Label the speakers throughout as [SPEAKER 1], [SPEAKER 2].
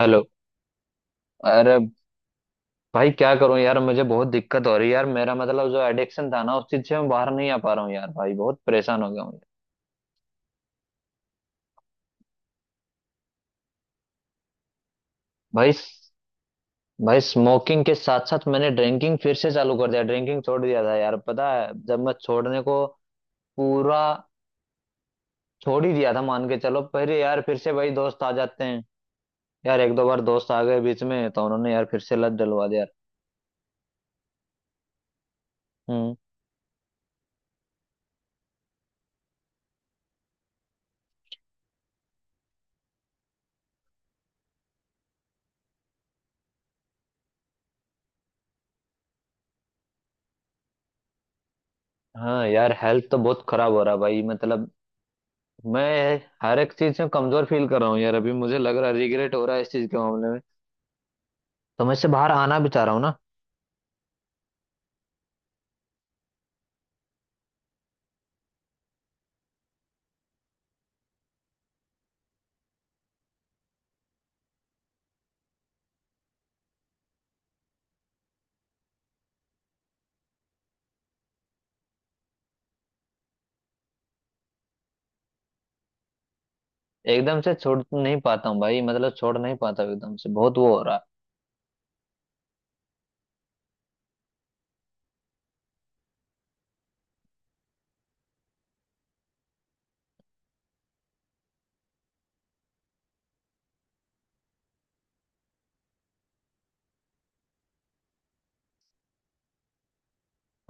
[SPEAKER 1] Hello. अरे भाई क्या करूं यार, मुझे बहुत दिक्कत हो रही है यार। मेरा मतलब जो एडिक्शन था ना उस चीज से मैं बाहर नहीं आ पा रहा हूँ यार। भाई बहुत परेशान हो गया हूँ यार। भाई भाई स्मोकिंग के साथ साथ मैंने ड्रिंकिंग फिर से चालू कर दिया। ड्रिंकिंग छोड़ दिया था यार, पता है जब मैं छोड़ने को पूरा छोड़ ही दिया था मान के चलो, पर यार फिर से भाई दोस्त आ जाते हैं। यार एक दो बार दोस्त आ गए बीच में तो उन्होंने यार फिर से लत डलवा दिया यार। हम्म। हाँ यार हेल्थ तो बहुत खराब हो रहा है भाई, मतलब मैं हर एक चीज में कमजोर फील कर रहा हूँ यार। अभी मुझे लग रहा है रिग्रेट हो रहा है इस चीज के मामले में, तो मैं इससे बाहर आना भी चाह रहा हूँ ना। एकदम से छोड़ नहीं पाता हूँ भाई, मतलब छोड़ नहीं पाता हूँ एकदम से, बहुत वो हो रहा है।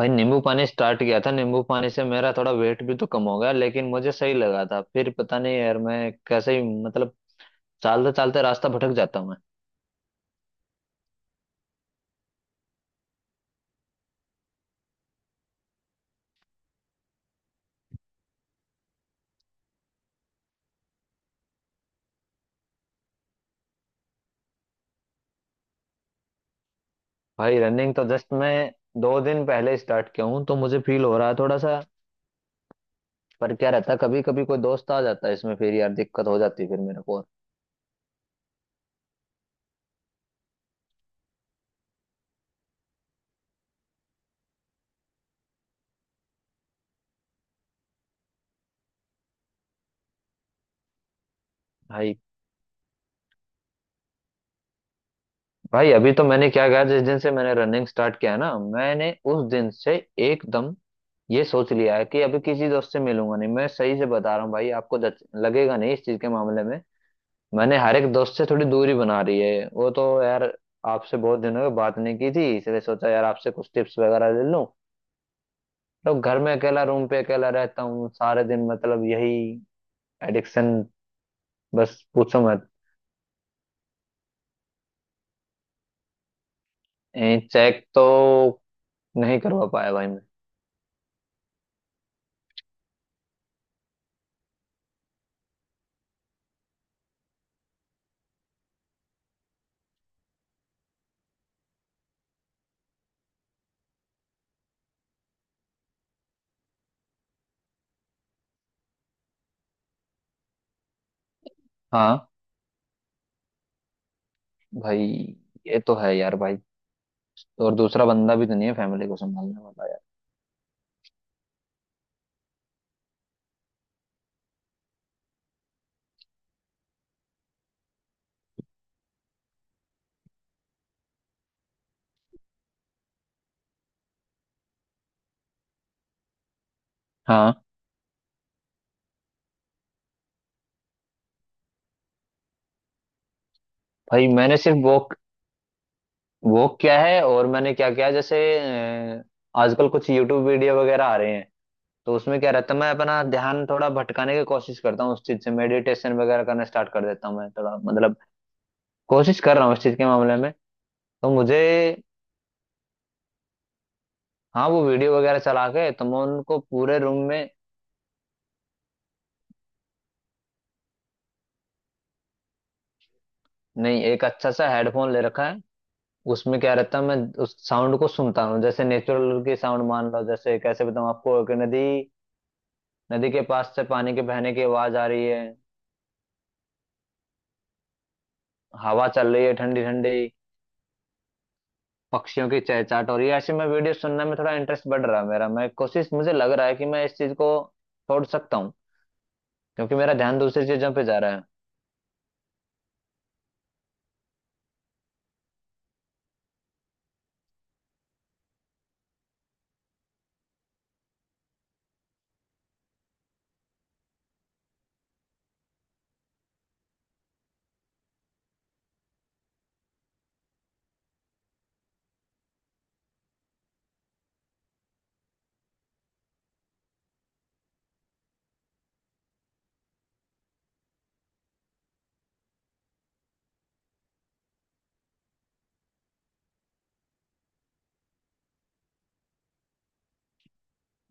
[SPEAKER 1] भाई नींबू पानी स्टार्ट किया था, नींबू पानी से मेरा थोड़ा वेट भी तो कम हो गया, लेकिन मुझे सही लगा था। फिर पता नहीं यार, मैं कैसे ही मतलब चलते चलते रास्ता भटक जाता हूँ मैं। भाई रनिंग तो जस्ट मैं 2 दिन पहले स्टार्ट किया हूँ, तो मुझे फील हो रहा है थोड़ा सा। पर क्या रहता है, कभी कभी कोई दोस्त आ जाता है इसमें, फिर यार दिक्कत हो जाती है फिर मेरे को और। भाई भाई अभी तो मैंने क्या कहा, जिस दिन से मैंने रनिंग स्टार्ट किया है ना, मैंने उस दिन से एकदम ये सोच लिया है कि अभी किसी दोस्त से मिलूंगा नहीं। मैं सही से बता रहा हूँ भाई आपको, लगेगा नहीं इस चीज के मामले में। मैंने हर एक दोस्त से थोड़ी दूरी बना रही है वो तो यार। आपसे बहुत दिनों की बात नहीं की थी, इसलिए सोचा यार आपसे कुछ टिप्स वगैरह ले लूं। तो घर में अकेला, रूम पे अकेला रहता हूँ सारे दिन, मतलब यही एडिक्शन, बस पूछो मत। चेक तो नहीं करवा पाया भाई मैं। हाँ भाई, ये तो है यार भाई। और दूसरा बंदा भी तो नहीं है फैमिली को संभालने वाला यार। हाँ। भाई मैंने सिर्फ वॉक वॉक किया है, और मैंने क्या किया, जैसे अ, आजकल कुछ यूट्यूब वीडियो वगैरह आ रहे हैं, तो उसमें क्या रहता है, मैं अपना ध्यान थोड़ा भटकाने की कोशिश करता हूँ उस चीज से। मेडिटेशन वगैरह करना स्टार्ट कर देता हूँ मैं थोड़ा, मतलब कोशिश कर रहा हूँ इस चीज के मामले में, तो मुझे। हाँ, वो वीडियो वगैरह चला के तो मैं उनको पूरे रूम में। नहीं, एक अच्छा सा हेडफोन ले रखा है, उसमें क्या रहता है मैं उस साउंड को सुनता हूँ, जैसे नेचुरल की साउंड मान लो। जैसे कैसे बताऊँ आपको कि नदी नदी के पास से पानी के बहने की आवाज आ रही है, हवा चल रही है ठंडी ठंडी, पक्षियों की चहचहाट हो रही है। ऐसे में वीडियो सुनने में थोड़ा इंटरेस्ट बढ़ रहा है मेरा। मैं कोशिश, मुझे लग रहा है कि मैं इस चीज को छोड़ सकता हूँ, क्योंकि मेरा ध्यान दूसरी चीजों पे जा रहा है।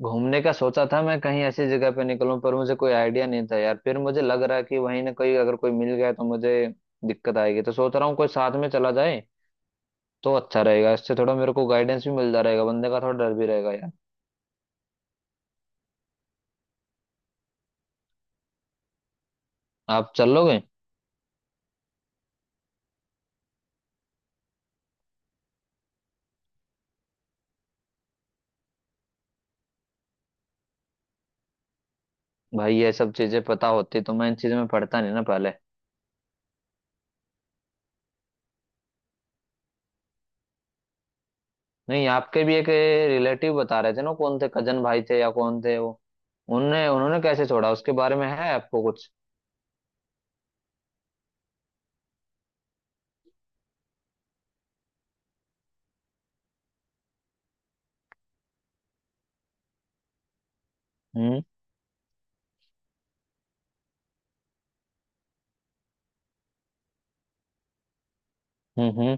[SPEAKER 1] घूमने का सोचा था मैं, कहीं ऐसी जगह पे निकलूं, पर मुझे कोई आइडिया नहीं था यार। फिर मुझे लग रहा है कि वहीं ना कोई, अगर कोई मिल गया तो मुझे दिक्कत आएगी, तो सोच रहा हूँ कोई साथ में चला जाए तो अच्छा रहेगा, इससे थोड़ा मेरे को गाइडेंस भी मिलता रहेगा, बंदे का थोड़ा डर भी रहेगा यार। आप चल लोगे? भाई ये सब चीजें पता होती तो मैं इन चीजों में पढ़ता नहीं ना पहले। नहीं, आपके भी एक रिलेटिव बता रहे थे ना, कौन थे, कजन भाई थे या कौन थे वो, उनने उन्होंने कैसे छोड़ा उसके बारे में है आपको कुछ? हम्म हम्म हम्म।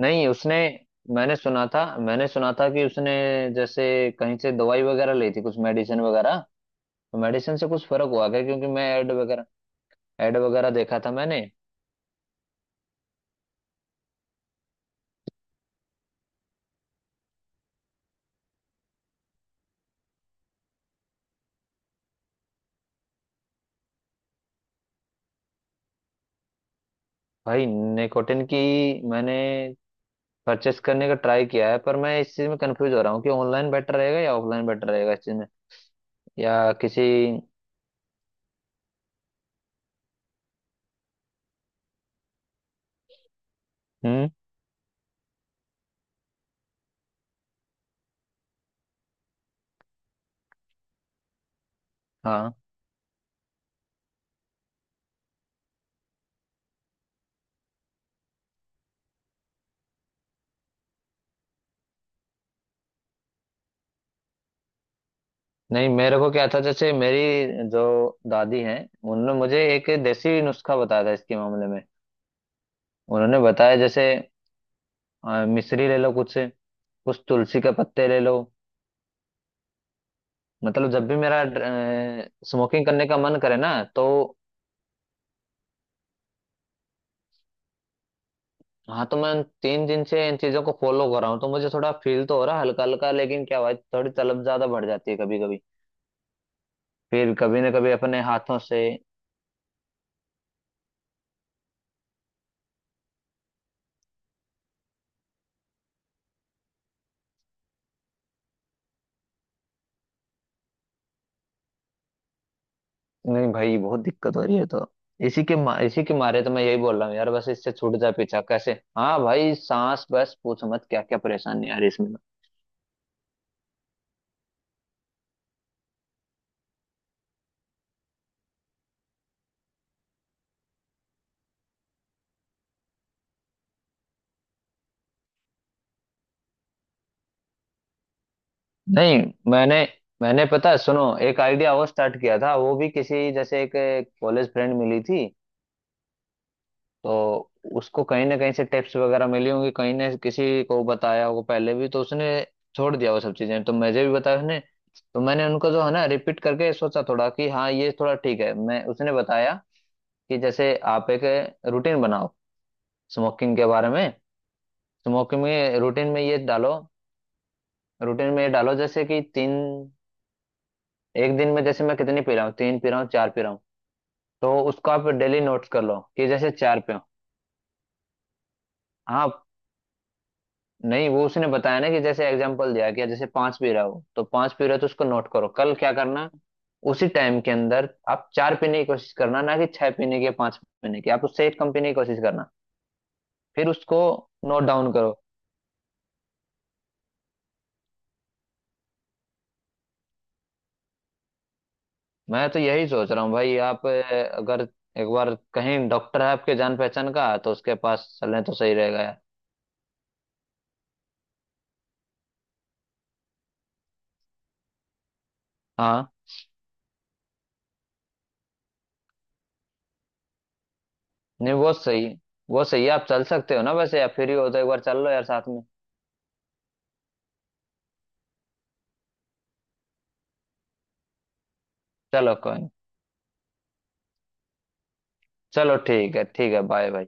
[SPEAKER 1] नहीं उसने, मैंने सुना था कि उसने जैसे कहीं से दवाई वगैरह ली थी, कुछ मेडिसिन वगैरह। तो मेडिसिन से कुछ फर्क हुआ क्या, क्योंकि मैं एड वगैरह देखा था मैंने। भाई निकोटिन की मैंने परचेस करने का ट्राई किया है, पर मैं इस चीज में कंफ्यूज हो रहा हूँ कि ऑनलाइन बेटर रहेगा या ऑफलाइन बेटर रहेगा इस चीज में, या किसी। हम्म। हाँ। नहीं मेरे को क्या था, जैसे मेरी जो दादी हैं, उन्होंने मुझे एक देसी नुस्खा बताया था इसके मामले में। उन्होंने बताया जैसे मिश्री ले लो कुछ से, कुछ तुलसी के पत्ते ले लो, मतलब जब भी मेरा स्मोकिंग करने का मन करे ना तो। हाँ, तो मैं उन 3 दिन से इन चीजों को फॉलो कर रहा हूँ, तो मुझे थोड़ा फील तो हो रहा है हल्का हल्का, लेकिन क्या भाई थोड़ी तलब ज्यादा बढ़ जाती है कभी कभी। फिर कभी ना कभी अपने हाथों से। नहीं भाई बहुत दिक्कत हो रही है, तो इसी के मारे तो मैं यही बोल रहा हूँ यार, बस इससे छूट जाए पीछा कैसे। हाँ भाई, सांस बस पूछ मत, क्या क्या परेशानी आ रही है इसमें तो। नहीं मैंने मैंने पता है, सुनो, एक आइडिया और स्टार्ट किया था वो भी, किसी जैसे एक कॉलेज फ्रेंड मिली थी। तो उसको कहीं ना कहीं से टिप्स वगैरह मिली होंगी, कहीं ने किसी को बताया होगा पहले भी, तो उसने छोड़ दिया वो सब चीजें, तो मुझे भी बताया उसने। तो मैंने उनको जो है ना रिपीट करके सोचा थोड़ा कि हाँ ये थोड़ा ठीक है, मैं, उसने बताया कि जैसे आप एक रूटीन बनाओ स्मोकिंग के बारे में। स्मोकिंग में रूटीन में ये डालो, रूटीन में ये डालो, जैसे कि तीन, एक दिन में जैसे मैं कितनी पी रहा हूँ, तीन पी रहा हूँ, चार पी रहा हूँ, तो उसको आप डेली नोट्स कर लो कि जैसे चार पे हो। हाँ। नहीं, वो उसने बताया ना कि जैसे एग्जांपल दिया कि जैसे पांच पीरा हो तो पांच पीरा तो उसको नोट करो, कल क्या करना, उसी टाइम के अंदर आप चार पीने की कोशिश करना, ना कि छह पीने की या पांच पीने की, आप उससे एक कम पीने की कोशिश करना, फिर उसको नोट डाउन करो। मैं तो यही सोच रहा हूँ भाई, आप अगर एक बार कहीं डॉक्टर है आपके जान पहचान का, तो उसके पास चलें तो सही रहेगा यार। हाँ। नहीं वो सही, वो सही है। आप चल सकते हो ना, वैसे आप फ्री हो तो एक बार चल लो यार साथ में। चलो कोई नहीं। चलो ठीक है ठीक है, बाय बाय।